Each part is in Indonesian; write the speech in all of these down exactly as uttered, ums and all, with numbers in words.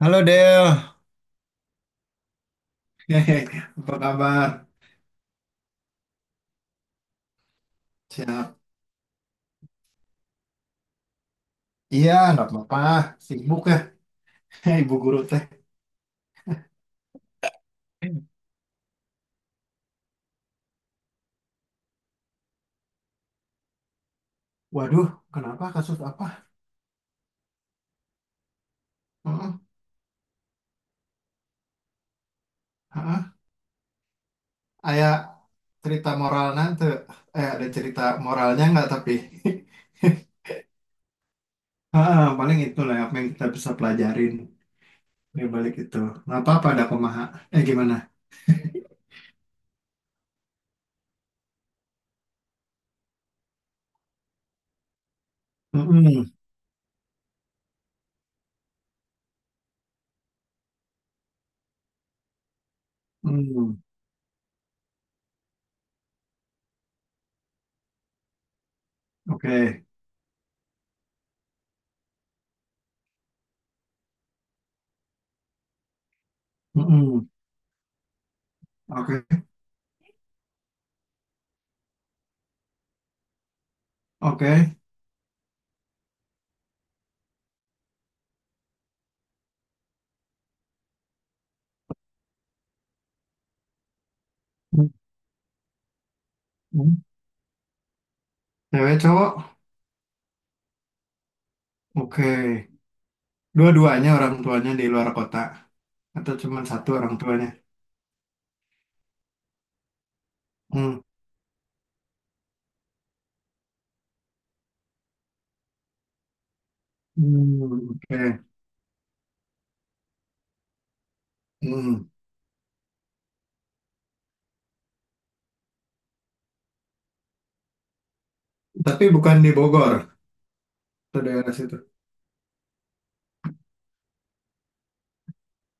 Halo Del, Hehe, apa kabar? Siap. Iya, nggak apa-apa. Sibuk ya, ibu guru teh. Waduh, kenapa kasus apa? Heeh, heeh. Aya cerita moral nanti. Eh, ada cerita moralnya nggak tapi? Heeh, paling itu lah apa yang kita bisa pelajarin di balik itu. Nggak apa-apa ada pemaha. Eh, gimana? Mm-mm, mm, oke. Mm-mm, oke. Oke. Mm-mm. Cewek cowok? Oke. Dua-duanya orang tuanya di luar kota. Atau cuma satu orang tuanya? Hmm. Hmm, oke. Hmm. Tapi bukan di Bogor, atau daerah situ.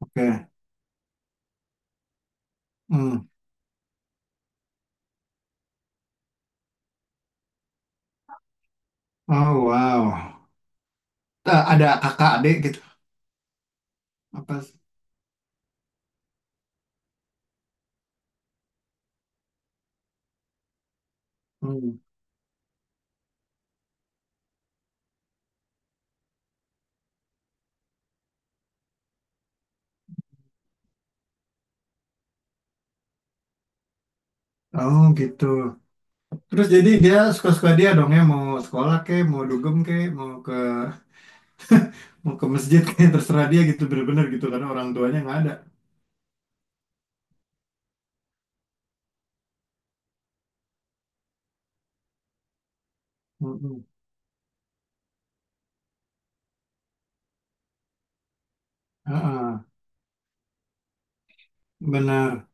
Oke. Hmm. Oh, wow. Ta- Ada kakak adik gitu. Apa? s- Hmm. Oh, gitu. Terus jadi dia suka-suka dia dong ya mau sekolah ke, mau dugem ke, mau ke mau ke masjid ke, terserah dia gitu bener-bener gitu karena orang tuanya nggak ada. Hmm. Heeh. Benar.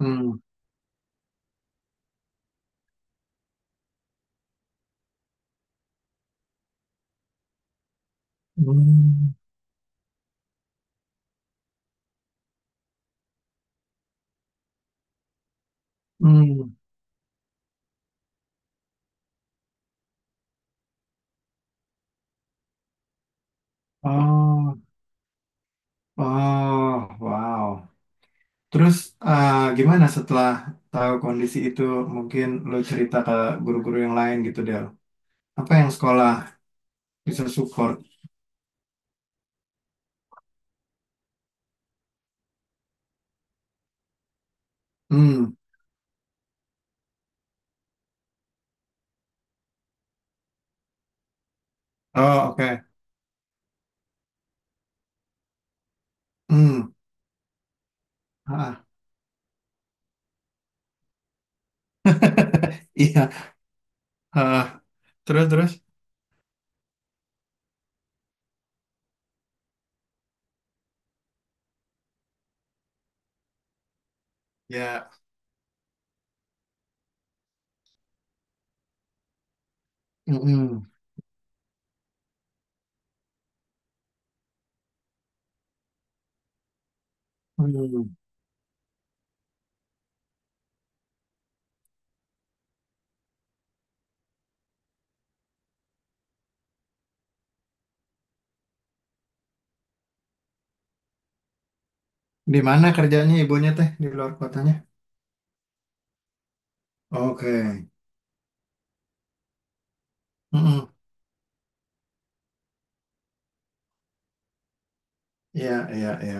Hmm. Hmm. Hmm. Oh. Oh, wow. Terus eh, gimana setelah tahu kondisi itu mungkin lo cerita ke guru-guru yang lain gitu Del. Apa yang sekolah bisa support? Hmm. Oh, oke. Hmm. Ah, iya. Ah, terus terus. Ya. Mm-mm. Hmm. Di mana kerjanya ibunya teh di luar kotanya? Oke. Mm-mm. Iya, iya, iya.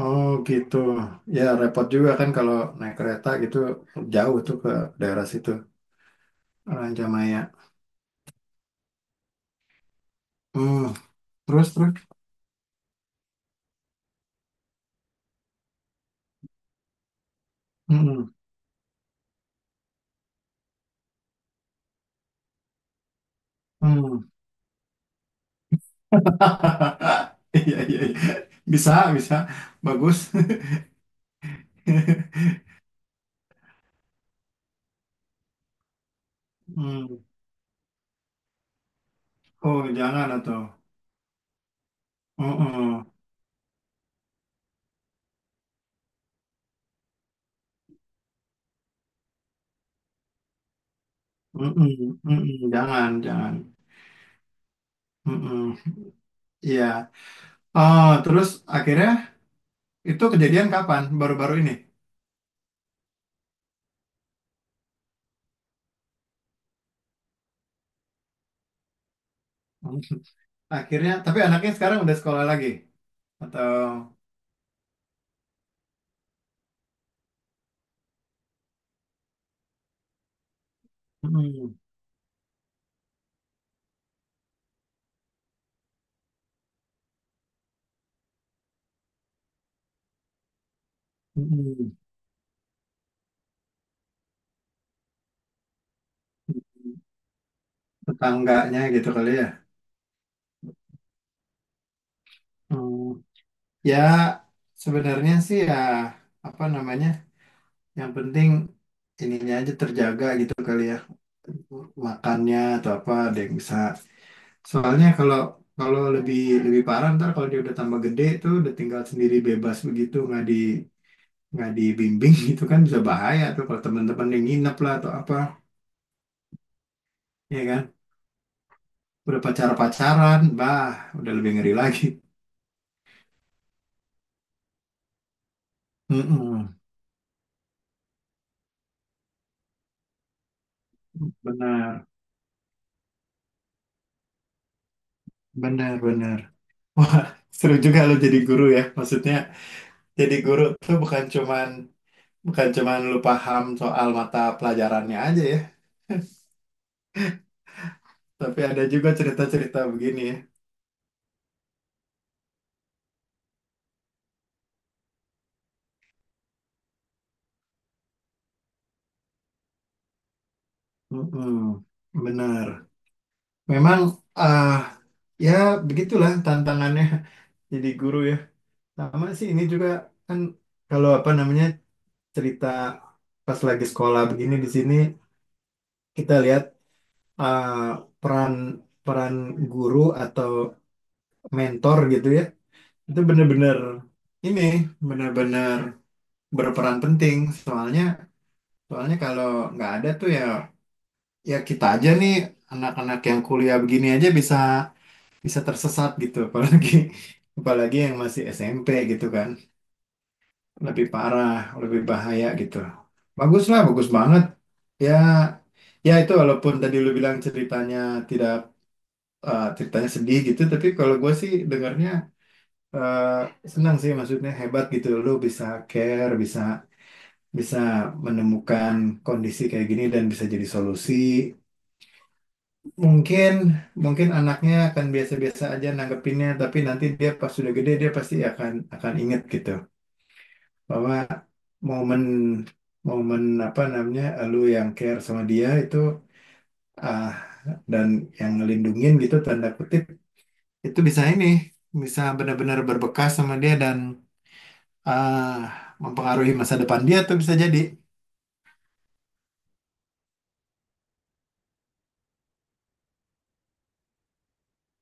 Oh, gitu. Ya repot juga kan kalau naik kereta gitu jauh tuh ke daerah situ. Rancamaya. Hmm. Terus terus. Mm-mm. Hmm. Iya, iya, iya. Bisa bisa. Bagus. Hmm. Oh, jangan atau. Mm-mm. Mm-mm. Mm-mm. Jangan jangan. Mm-mm. Iya. Oh, terus akhirnya itu kejadian kapan? Baru-baru ini. Hmm. Akhirnya. Tapi anaknya sekarang udah sekolah lagi atau. Mm-mm. Mm-mm. Tetangganya gitu kali ya. Hmm. Ya sebenarnya sih ya apa namanya? Yang penting ininya aja terjaga gitu kali ya. Makannya atau apa ada yang bisa. Soalnya kalau kalau lebih lebih parah ntar kalau dia udah tambah gede tuh udah tinggal sendiri bebas begitu nggak di nggak dibimbing gitu kan bisa bahaya tuh kalau teman-teman yang nginep lah atau apa ya kan udah pacar-pacaran bah udah lebih ngeri lagi Mm-mm. Benar benar benar, wah seru juga lo jadi guru ya maksudnya jadi guru tuh bukan cuman Bukan cuman lu paham soal mata pelajarannya aja ya, tapi ada juga cerita-cerita begini ya. Mm-mm, benar. Memang ah ya begitulah tantangannya jadi guru ya. Sama sih ini juga kan kalau apa namanya cerita pas lagi sekolah begini di sini kita lihat, ah, peran peran guru atau mentor gitu ya. Itu benar-benar ini benar-benar berperan penting soalnya Soalnya kalau nggak ada tuh ya, ya kita aja nih anak-anak yang kuliah begini aja bisa bisa tersesat gitu, apalagi apalagi yang masih S M P gitu kan lebih parah lebih bahaya gitu. Bagus lah, bagus banget ya, ya itu walaupun tadi lu bilang ceritanya tidak, eh, ceritanya sedih gitu tapi kalau gue sih dengarnya eh, senang sih maksudnya hebat gitu lu bisa care, bisa bisa menemukan kondisi kayak gini dan bisa jadi solusi. Mungkin mungkin anaknya akan biasa-biasa aja nanggepinnya, tapi nanti dia pas sudah gede dia pasti akan akan inget gitu bahwa momen momen apa namanya, eh, lu yang care sama dia itu, ah dan yang ngelindungin gitu tanda kutip, itu bisa ini bisa benar-benar berbekas sama dia dan ah mempengaruhi masa depan dia tuh bisa jadi.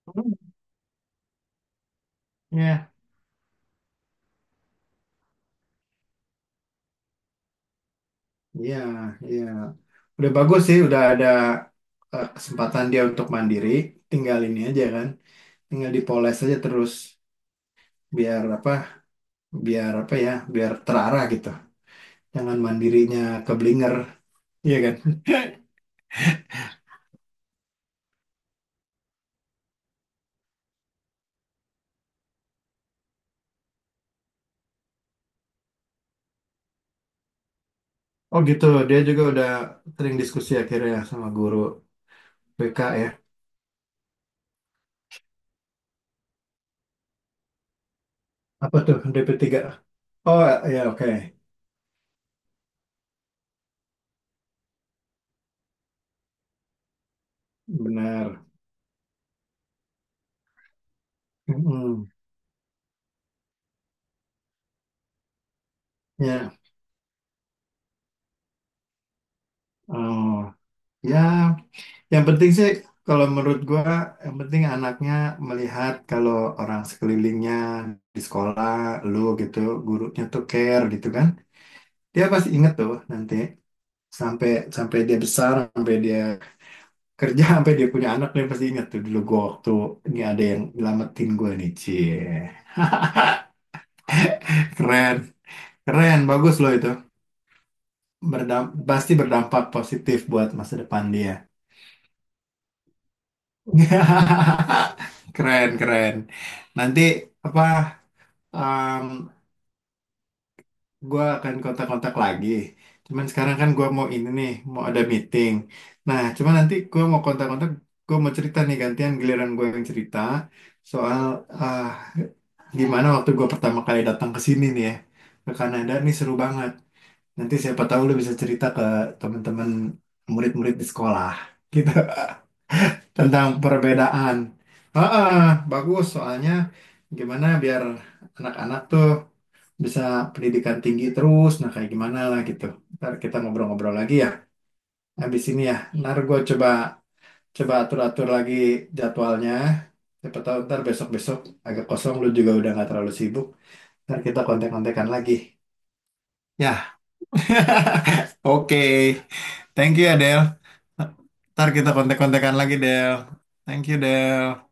Hmm. Ya, iya, iya. Udah bagus sih, udah ada eh, kesempatan dia untuk mandiri, tinggal ini aja kan. Tinggal dipoles aja terus biar apa, biar apa ya, biar terarah gitu, jangan mandirinya keblinger, iya kan. Oh, gitu dia juga udah sering diskusi akhirnya sama guru B K ya. Apa tuh DP tiga? Oh, ya, oke. Benar. Mm-mm. Ya. Oh, ya, yang penting sih kalau menurut gua yang penting anaknya melihat kalau orang sekelilingnya di sekolah lu gitu, gurunya tuh care gitu kan dia pasti inget tuh nanti sampai sampai dia besar, sampai dia kerja, sampai dia punya anak dia pasti inget tuh dulu gue waktu ini ada yang nyelamatin gue nih, cie. Keren keren, bagus loh itu. Berdam- pasti berdampak positif buat masa depan dia. Keren keren, nanti apa gue akan kontak-kontak lagi. Cuman sekarang kan gue mau ini nih, mau ada meeting. Nah, cuman nanti gue mau kontak-kontak, gue mau cerita nih gantian giliran gue yang cerita soal, ah, gimana waktu gue pertama kali datang ke sini nih ya, ke Kanada nih seru banget. Nanti siapa tahu lu bisa cerita ke teman-teman murid-murid di sekolah. Gitu. Tentang perbedaan. Heeh, bagus soalnya gimana biar anak-anak tuh bisa pendidikan tinggi terus. Nah, kayak gimana lah gitu. Ntar kita ngobrol-ngobrol lagi ya. Habis ini ya, ntar gue coba coba atur-atur lagi jadwalnya. Siapa tahu ntar besok-besok agak kosong, lu juga udah nggak terlalu sibuk. Ntar kita kontek-kontekan lagi. Ya, oke. Thank you ya, Del. Ntar kita kontek-kontekan lagi, Del. Thank you, Del.